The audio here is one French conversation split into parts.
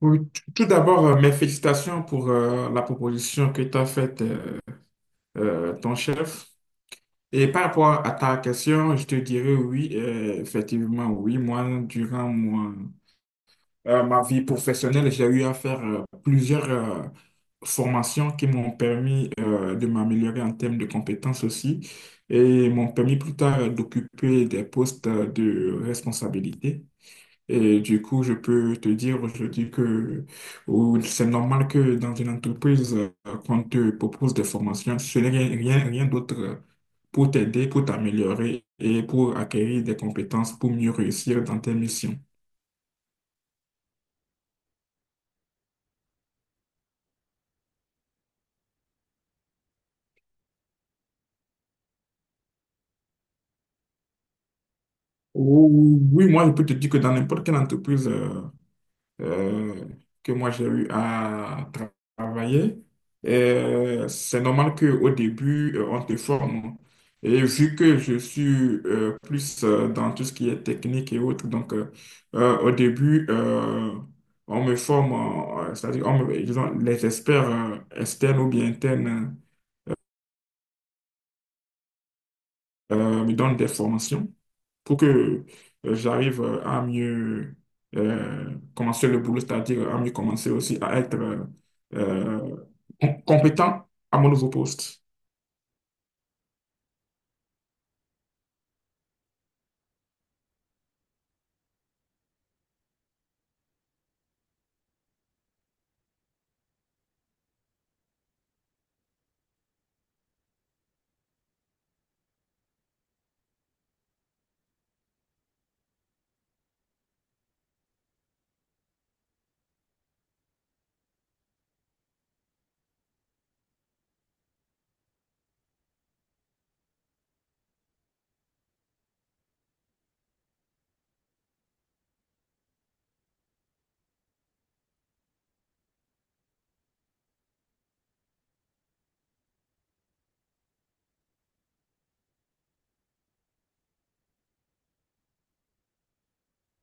Oui, tout d'abord, mes félicitations pour la proposition que t'as faite ton chef. Et par rapport à ta question, je te dirais oui, effectivement, oui. Moi, durant ma vie professionnelle, j'ai eu à faire plusieurs formations qui m'ont permis de m'améliorer en termes de compétences aussi et m'ont permis plus tard d'occuper des postes de responsabilité. Et du coup, je peux te dire aujourd'hui que ou c'est normal que dans une entreprise, qu'on te propose des formations, ce n'est rien, rien, rien d'autre pour t'aider, pour t'améliorer et pour acquérir des compétences pour mieux réussir dans tes missions. Oui, oui, moi, je peux te dire que dans n'importe quelle entreprise, euh, que moi j'ai eu à tra- travailler. Et c'est normal qu'au début, on te forme. Et vu que je suis plus dans tout ce qui est technique et autres, au début, on me forme, c'est-à-dire on me- ils ont- les experts externes ou bien internes me donne des formations pour que j'arrive à mieux commencer le boulot, c'est-à-dire à mieux commencer aussi à être euh, compétent à mon nouveau poste.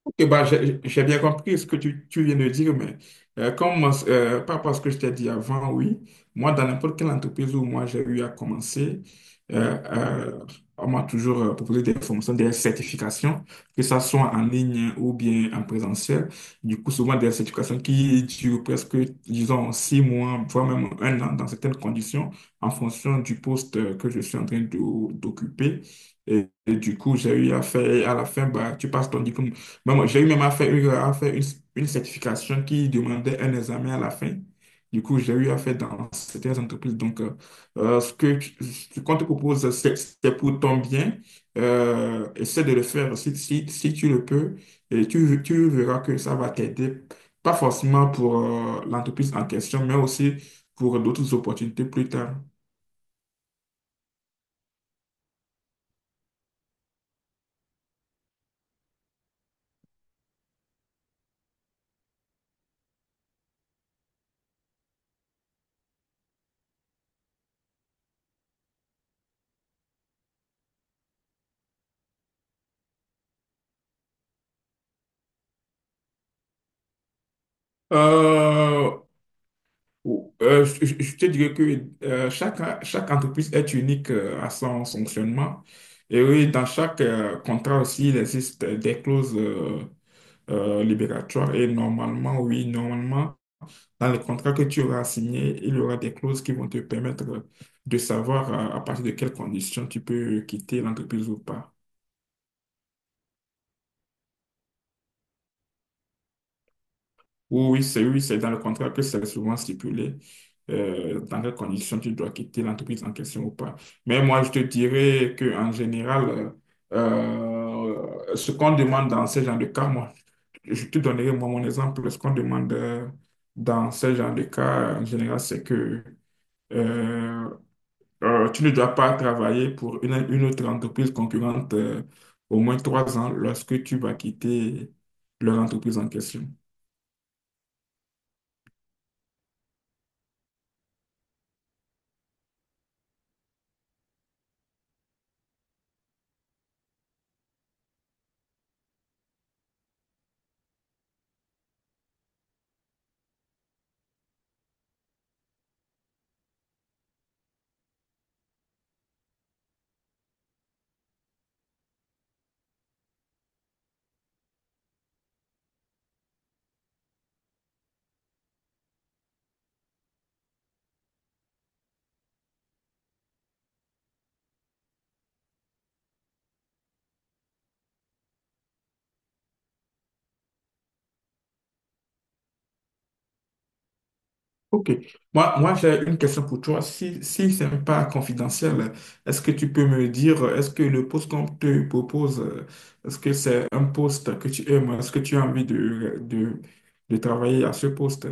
Ok, bah, j'ai bien compris ce que tu viens de dire, mais comme moi, par rapport à ce que je t'ai dit avant, oui, moi, dans n'importe quelle entreprise où moi j'ai eu à commencer, euh, euh, on m'a toujours proposé des formations, des certifications, que ça soit en ligne ou bien en présentiel. Du coup, souvent des certifications qui durent presque, disons, 6 mois, voire même 1 an dans certaines conditions, en fonction du poste que je suis en train d'occuper. Et du coup, j'ai eu à faire, et à la fin, bah, tu passes ton diplôme mais moi, j'ai eu même à faire une certification qui demandait un examen à la fin. Du coup, j'ai eu à faire dans certaines entreprises. Donc, ce que ce qu'on te propose, c'est pour ton bien. Essaie de le faire si, si, si tu le peux. Et tu verras que ça va t'aider, pas forcément pour l'entreprise en question, mais aussi pour d'autres opportunités plus tard. Euh, je te dirais que euh, chaque entreprise est unique à son fonctionnement. Et oui, dans chaque contrat aussi, il existe des clauses libératoires. Et normalement, oui, normalement, dans les contrats que tu auras signés, il y aura des clauses qui vont te permettre de savoir à partir de quelles conditions tu peux quitter l'entreprise ou pas. Oui, oui, c'est dans le contrat que c'est souvent stipulé dans quelles conditions tu dois quitter l'entreprise en question ou pas. Mais moi, je te dirais qu'en général, euh, ce qu'on demande dans ce genre de cas, moi, je te donnerai moi mon exemple. Ce qu'on demande dans ce genre de cas, en général, c'est que euh, tu ne dois pas travailler pour une autre entreprise concurrente au moins 3 ans lorsque tu vas quitter leur entreprise en question. Ok. Moi, j'ai une question pour toi. Si ce n'est pas confidentiel, est-ce que tu peux me dire, est-ce que le poste qu'on te propose, est-ce que c'est un poste que tu aimes? Est-ce que tu as envie de travailler à ce poste?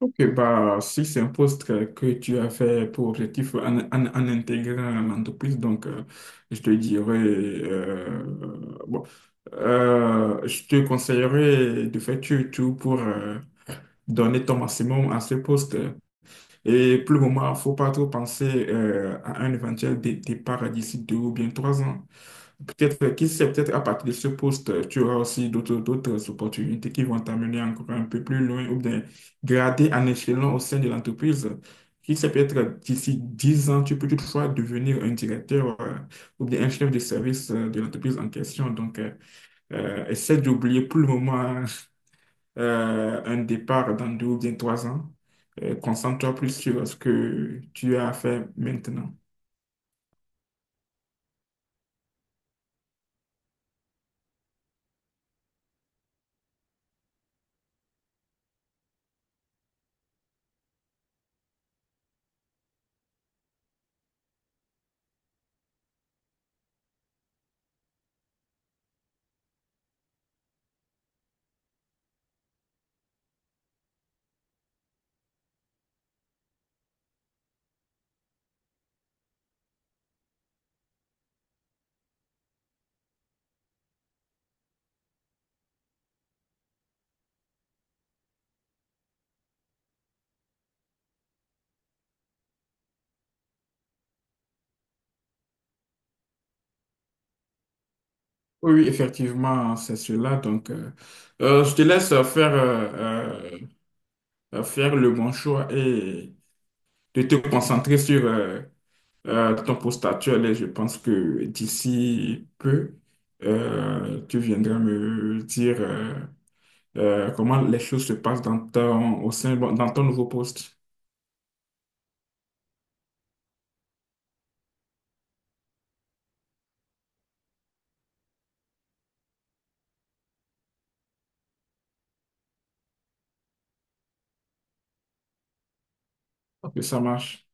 Ok, bah, si c'est un poste que tu as fait pour objectif en intégrant l'entreprise, donc je te dirais, bon, je te conseillerais de faire tout pour donner ton maximum à ce poste. Et pour le moment, il faut pas trop penser à un éventuel départ d'ici 2 ou bien 3 ans. Peut-être, qui sait, peut-être à partir de ce poste, tu auras aussi d'autres opportunités qui vont t'amener encore un peu plus loin ou bien grader en échelon au sein de l'entreprise. Qui sait, peut-être d'ici 10 ans, tu peux toutefois devenir un directeur ou bien un chef de service de l'entreprise en question. Donc, essaie d'oublier pour le moment un départ dans 2 ou bien 3 ans. Concentre-toi plus sur ce que tu as à faire maintenant. Oui, oui, effectivement, c'est cela. Donc, je te laisse faire, faire le bon choix et de te concentrer sur ton poste actuel. Et je pense que d'ici peu, tu viendras me dire comment les choses se passent dans ton, au sein, bon, dans ton nouveau poste. Ok, ça marche.